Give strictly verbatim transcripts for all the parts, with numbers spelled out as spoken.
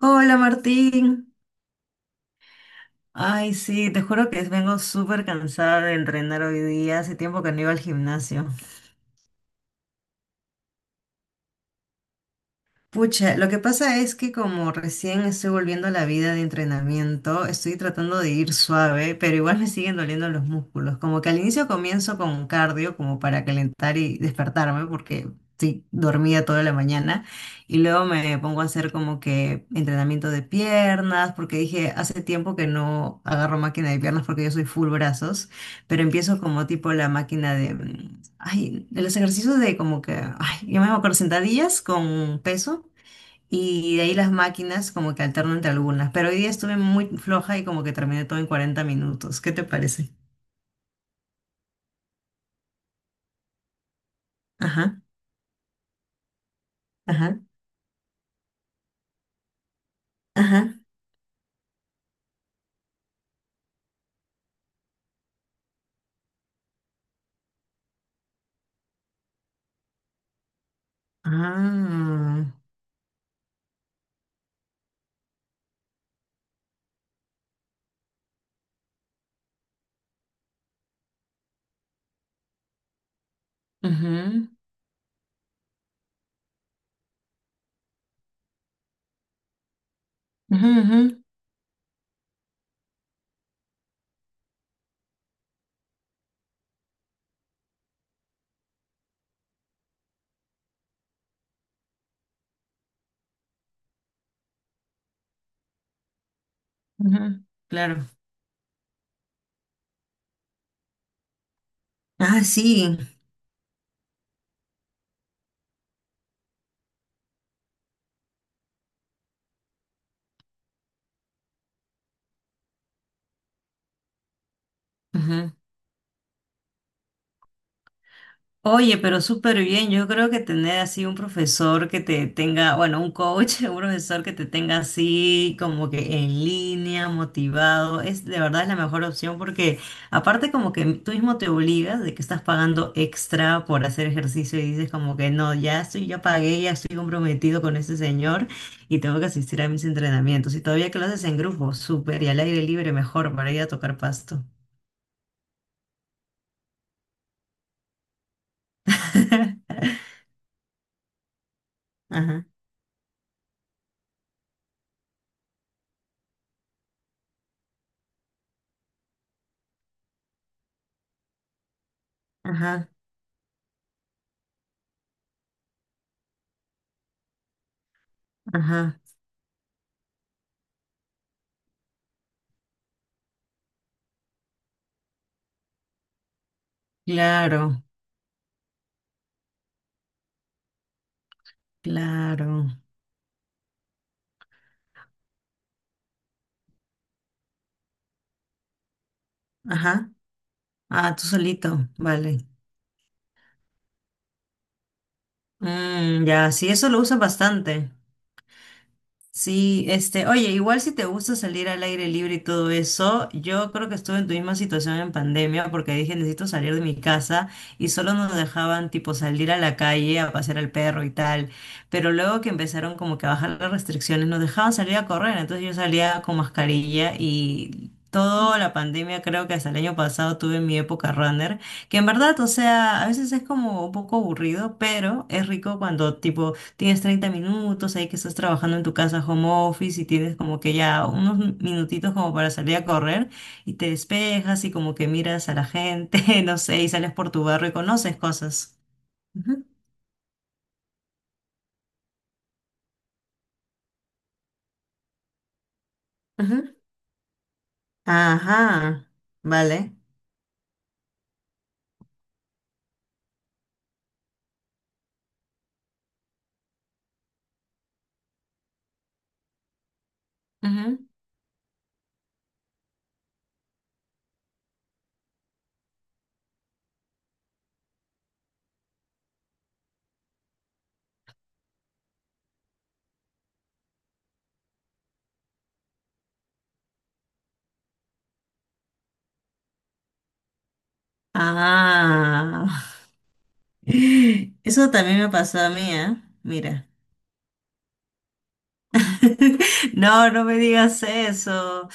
Hola Martín. Ay, sí, te juro que vengo súper cansada de entrenar hoy día. Hace tiempo que no iba al gimnasio. Pucha, lo que pasa es que como recién estoy volviendo a la vida de entrenamiento, estoy tratando de ir suave, pero igual me siguen doliendo los músculos. Como que al inicio comienzo con cardio como para calentar y despertarme, porque sí, dormía toda la mañana, y luego me pongo a hacer como que entrenamiento de piernas, porque dije, hace tiempo que no agarro máquina de piernas porque yo soy full brazos, pero empiezo como tipo la máquina de mm, ay, de los ejercicios de como que, ay, yo me acuerdo sentadillas con peso y de ahí las máquinas como que alterno entre algunas, pero hoy día estuve muy floja y como que terminé todo en cuarenta minutos. ¿Qué te parece? Ajá, ajá, ajá. Ah, ujú, ujú, ujú, ujú, claro. Ah, sí. Oye, pero súper bien. Yo creo que tener así un profesor que te tenga, bueno, un coach, un profesor que te tenga así como que en línea, motivado, es de verdad es la mejor opción porque aparte como que tú mismo te obligas de que estás pagando extra por hacer ejercicio y dices como que no, ya estoy, ya pagué, ya estoy comprometido con este señor y tengo que asistir a mis entrenamientos. Y todavía que lo haces en grupo, súper y al aire libre, mejor para ir a tocar pasto. Ajá, ajá, ajá, claro. Claro. Ajá. Ah, tú solito. Vale. Mm, ya, sí, eso lo usan bastante. Sí, este, oye, igual si te gusta salir al aire libre y todo eso, yo creo que estuve en tu misma situación en pandemia porque dije necesito salir de mi casa y solo nos dejaban tipo salir a la calle a pasear al perro y tal, pero luego que empezaron como que a bajar las restricciones nos dejaban salir a correr, entonces yo salía con mascarilla y toda la pandemia creo que hasta el año pasado tuve mi época runner, que en verdad, o sea, a veces es como un poco aburrido, pero es rico cuando tipo tienes treinta minutos, ahí que estás trabajando en tu casa home office y tienes como que ya unos minutitos como para salir a correr y te despejas y como que miras a la gente, no sé, y sales por tu barrio y conoces cosas. Ujú, ujú. Ajá, vale. Ujú. Ah, eso también me pasó a mí, ¿eh? Mira. No, no me digas eso.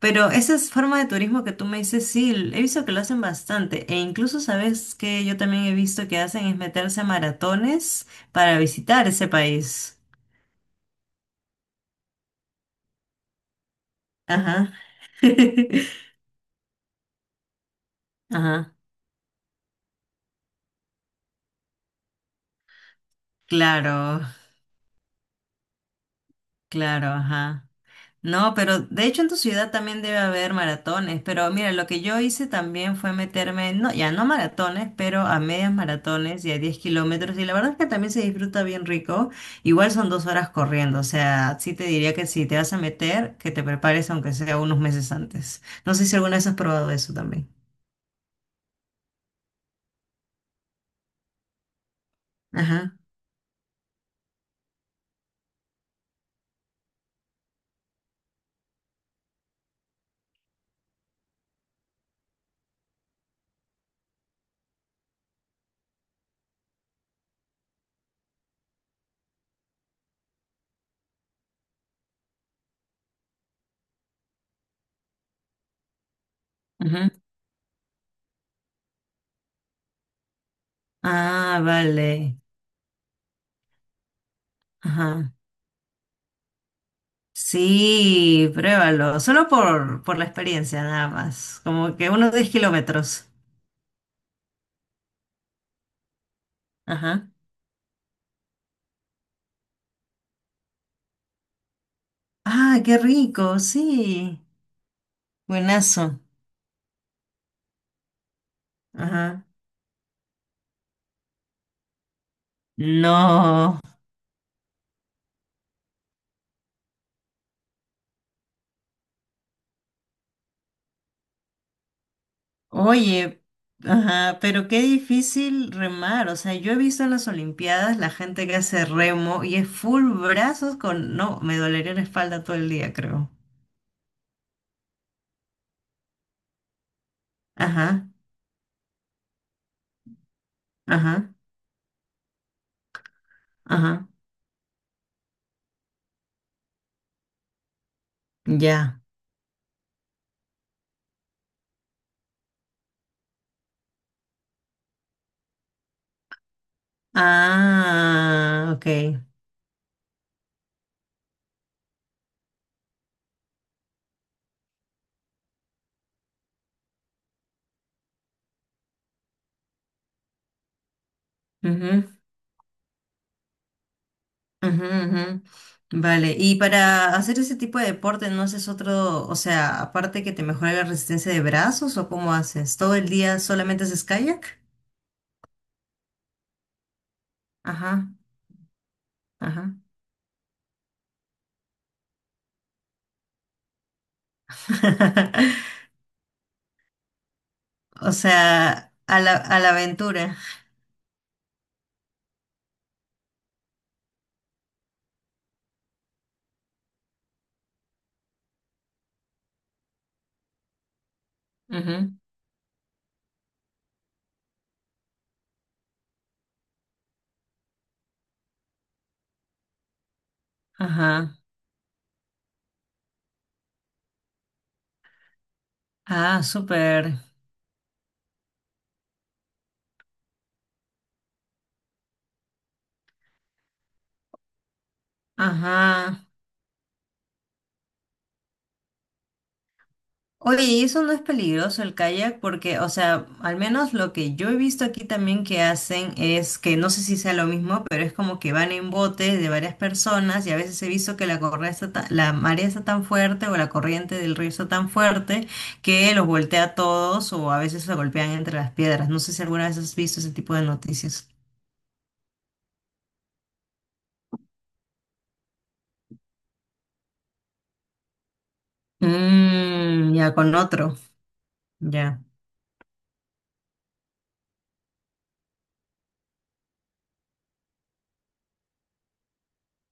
Pero esa es forma de turismo que tú me dices, sí, he visto que lo hacen bastante. E incluso sabes que yo también he visto que hacen es meterse a maratones para visitar ese país. Ajá. Ajá. Claro, claro, ajá. No, pero de hecho en tu ciudad también debe haber maratones, pero mira, lo que yo hice también fue meterme, no, ya no maratones, pero a medias maratones y a diez kilómetros, y la verdad es que también se disfruta bien rico, igual son dos horas corriendo, o sea, sí te diría que si te vas a meter, que te prepares aunque sea unos meses antes. No sé si alguna vez has probado eso también. Ajá, ajá. Ah, vale. Ajá. Sí, pruébalo, solo por, por la experiencia nada más, como que unos diez kilómetros. Ajá. Ah, qué rico, sí. Buenazo. Ajá. No. Oye, ajá, pero qué difícil remar. O sea, yo he visto en las Olimpiadas la gente que hace remo y es full brazos con... No, me dolería la espalda todo el día, creo. Ajá, ajá, ajá. Ya. Ah, ok. Ujú, ujú. Vale, y para hacer ese tipo de deporte, ¿no haces otro, o sea, aparte que te mejora la resistencia de brazos o cómo haces? ¿Todo el día solamente haces kayak? Ajá, ajá. O sea, a la, a la aventura. Ujú, ajá. Ah, súper. Ajá. Oye, ¿y eso no es peligroso el kayak? Porque, o sea, al menos lo que yo he visto aquí también que hacen es que no sé si sea lo mismo, pero es como que van en botes de varias personas y a veces he visto que la correa está ta- la marea está tan fuerte o la corriente del río está tan fuerte que los voltea a todos o a veces se golpean entre las piedras. No sé si alguna vez has visto ese tipo de noticias. Mm, ya con otro, ya.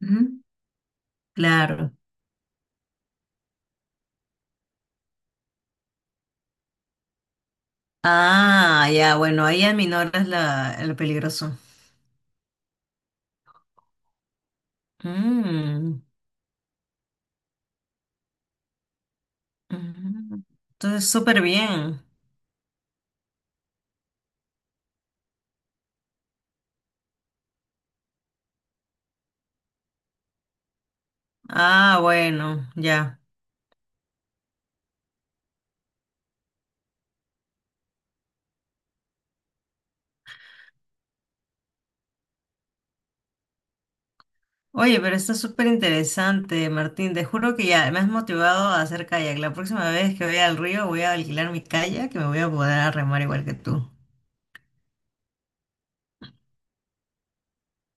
Ujú, claro. Ah, ya, bueno, ahí aminoras la, el peligroso. Mm, ujú. Entonces, súper bien. Ah, bueno, ya. Oye, pero está súper interesante, Martín. Te juro que ya me has motivado a hacer kayak. La próxima vez que vaya al río voy a alquilar mi kayak que me voy a poder a remar igual que tú.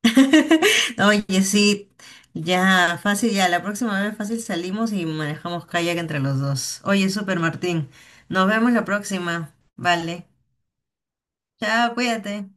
Oye, sí, ya, fácil, ya. La próxima vez fácil salimos y manejamos kayak entre los dos. Oye, súper, Martín. Nos vemos la próxima. Vale. Chao, cuídate.